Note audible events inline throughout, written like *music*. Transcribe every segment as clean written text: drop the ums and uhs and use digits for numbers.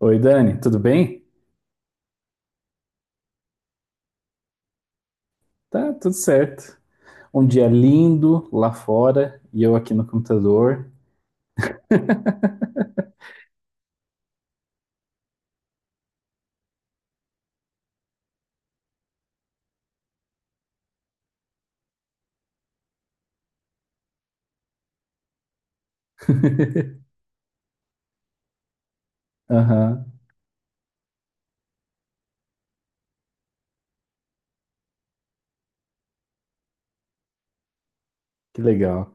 Oi, Dani, tudo bem? Tá, tudo certo. Um dia lindo lá fora e eu aqui no computador. Aham, que legal.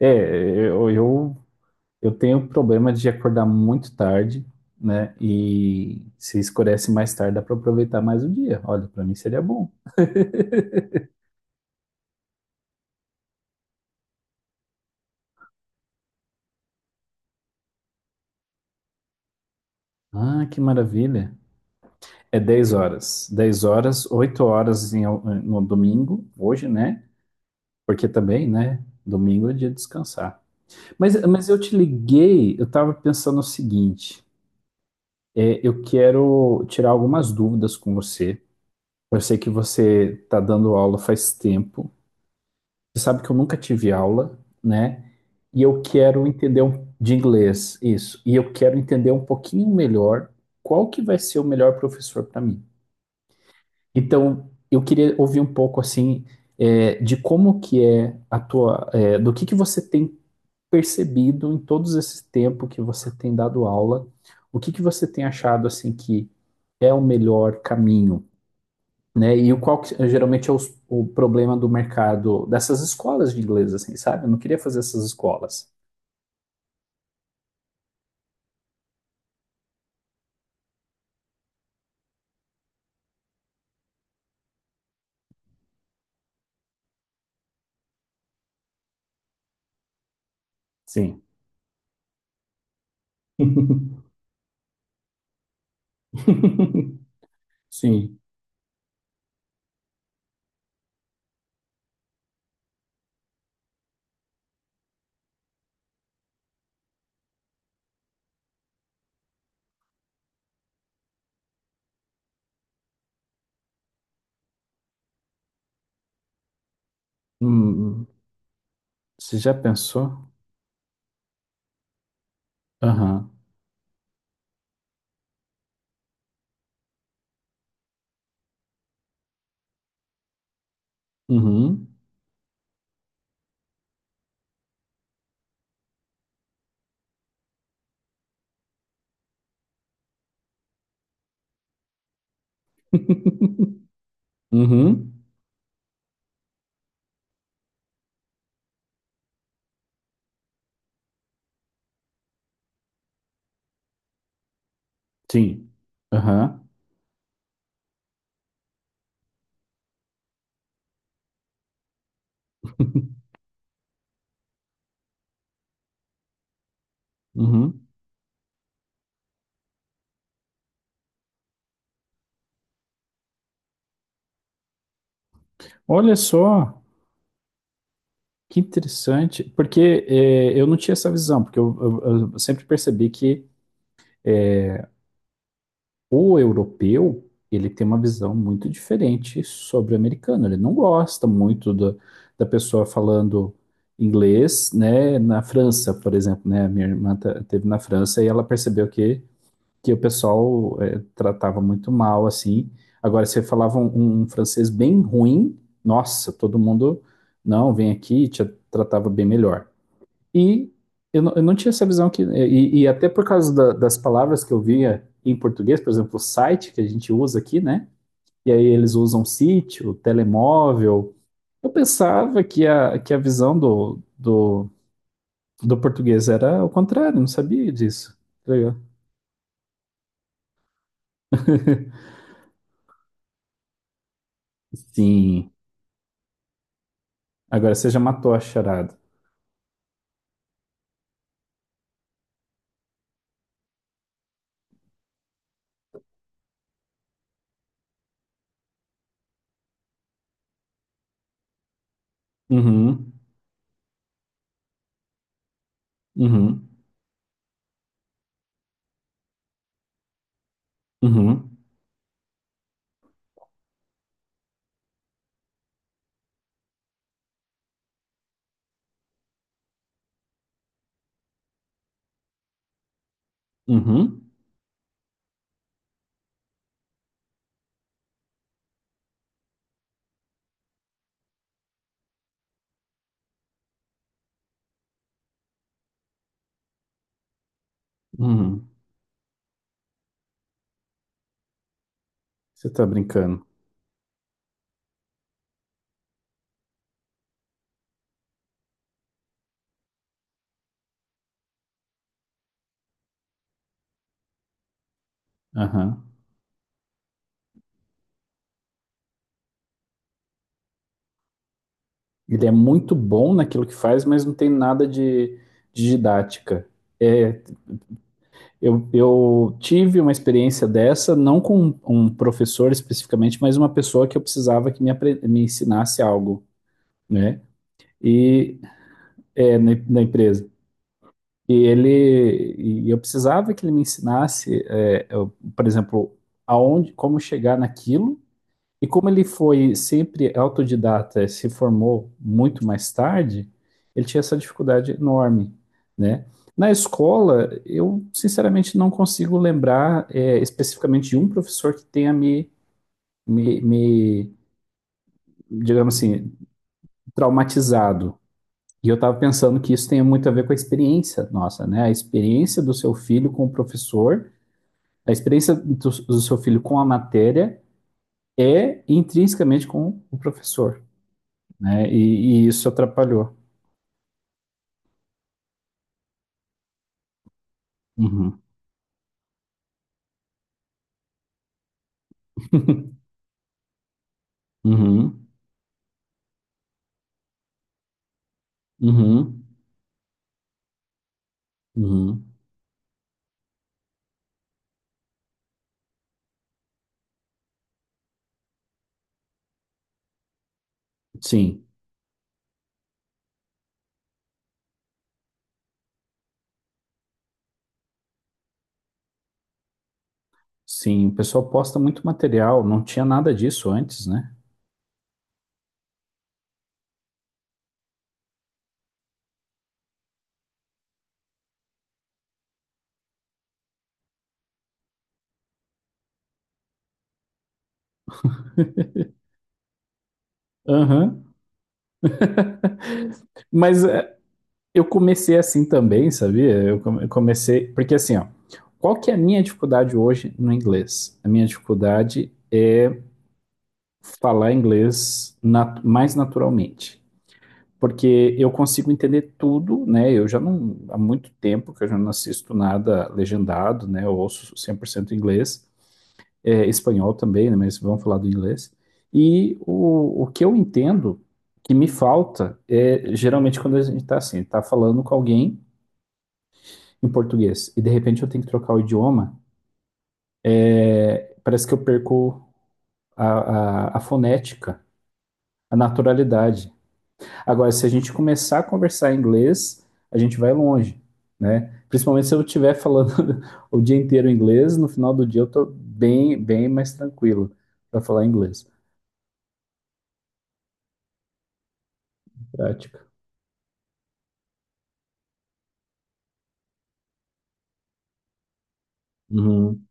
É, eu, eu, eu tenho problema de acordar muito tarde, né? E se escurece mais tarde, dá para aproveitar mais o dia. Olha, para mim seria bom. *laughs* Ah, que maravilha. É 10 horas. Dez horas, 8 horas no domingo, hoje, né? Porque também, né? Domingo é dia de descansar. Mas eu te liguei, eu estava pensando o seguinte: eu quero tirar algumas dúvidas com você. Eu sei que você está dando aula faz tempo. Você sabe que eu nunca tive aula, né? E eu quero entender um, de inglês, isso. E eu quero entender um pouquinho melhor qual que vai ser o melhor professor para mim. Então, eu queria ouvir um pouco assim de como que é a tua, do que você tem percebido em todos esse tempo que você tem dado aula? O que que você tem achado assim que é o melhor caminho, né? E o qual que, geralmente é o problema do mercado dessas escolas de inglês, assim, sabe? Eu não queria fazer essas escolas. Sim. *laughs* Sim. Hum, você já pensou? Aham. Uhum. *laughs* Uhum. Sim. Aham. *laughs* Uhum. Olha só. Que interessante, porque eu não tinha essa visão, porque eu sempre percebi que o europeu, ele tem uma visão muito diferente sobre o americano. Ele não gosta muito da pessoa falando inglês, né? Na França, por exemplo, né? A minha irmã teve na França e ela percebeu que o pessoal tratava muito mal, assim. Agora, se falava um francês bem ruim, nossa, todo mundo, não, vem aqui, te tratava bem melhor. E eu não tinha essa visão que. E até por causa das palavras que eu via em português, por exemplo, o site que a gente usa aqui, né? E aí eles usam sítio, telemóvel. Eu pensava que que a visão do português era o contrário, não sabia disso. Legal. *laughs* Sim. Agora você já matou a charada. Uhum, uhum, uhum, uhum, uhum. Você tá brincando. Ele é muito bom naquilo que faz, mas não tem nada de, de didática. É, eu tive uma experiência dessa, não com um professor especificamente, mas uma pessoa que eu precisava que me ensinasse algo, né? E é, na empresa. E ele, e eu precisava que ele me ensinasse, eu, por exemplo, aonde, como chegar naquilo. E como ele foi sempre autodidata, e se formou muito mais tarde, ele tinha essa dificuldade enorme, né? Na escola, eu sinceramente não consigo lembrar especificamente de um professor que tenha me, me, digamos assim, traumatizado. E eu estava pensando que isso tem muito a ver com a experiência nossa, né? A experiência do seu filho com o professor, a experiência do seu filho com a matéria é intrinsecamente com o professor. Né? E isso atrapalhou. Uhum. *laughs* Uhum. Uhum. Uhum. Sim, sim. O pessoal posta muito material, não tinha nada disso antes, né? Aham. Mas é, eu comecei assim também, sabia? Eu comecei. Porque assim, ó, qual que é a minha dificuldade hoje no inglês? A minha dificuldade é falar inglês mais naturalmente. Porque eu consigo entender tudo, né? Eu já não, há muito tempo que eu já não assisto nada legendado, né? Eu ouço 100% inglês, espanhol também, né? Mas vamos falar do inglês. E o que eu entendo que me falta é geralmente quando a gente está assim, está falando com alguém em português e de repente eu tenho que trocar o idioma, parece que eu perco a fonética, a naturalidade. Agora, se a gente começar a conversar em inglês, a gente vai longe, né? Principalmente se eu estiver falando *laughs* o dia inteiro inglês, no final do dia eu tô bem, bem mais tranquilo para falar inglês. Prática. Uhum.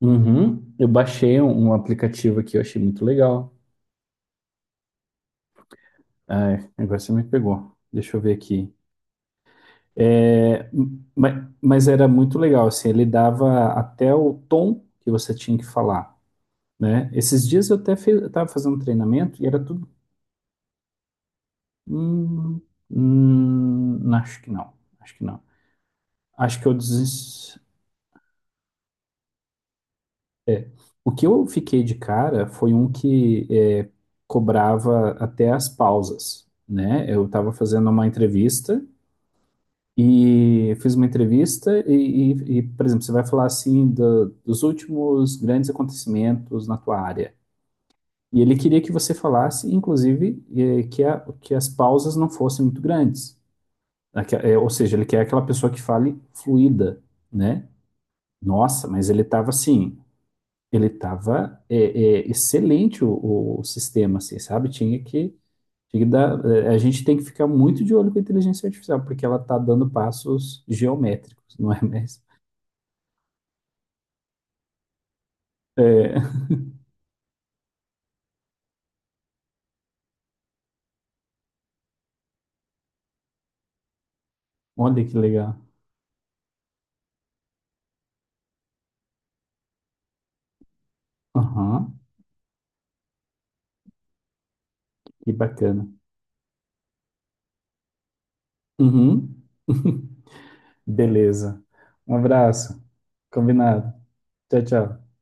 Uhum. Eu baixei um aplicativo aqui, eu achei muito legal. Ai, agora você me pegou. Deixa eu ver aqui. É, mas, era muito legal, assim, ele dava até o tom que você tinha que falar, né? Esses dias eu até estava fazendo um treinamento e era tudo. Hum, acho que não. Acho que não. Acho que eu des... O que eu fiquei de cara foi um que é, cobrava até as pausas, né? Eu estava fazendo uma entrevista e fiz uma entrevista por exemplo, você vai falar assim dos últimos grandes acontecimentos na tua área. E ele queria que você falasse, inclusive, que, que as pausas não fossem muito grandes. Ou seja, ele quer aquela pessoa que fale fluida, né? Nossa, mas ele tava assim, ele tava excelente o sistema, assim, sabe? Tinha que dar, é, a gente tem que ficar muito de olho com a inteligência artificial, porque ela está dando passos geométricos, não é mesmo? É, olha que legal. Aham, que bacana. Uhum. *laughs* Beleza. Um abraço. Combinado. Tchau, tchau.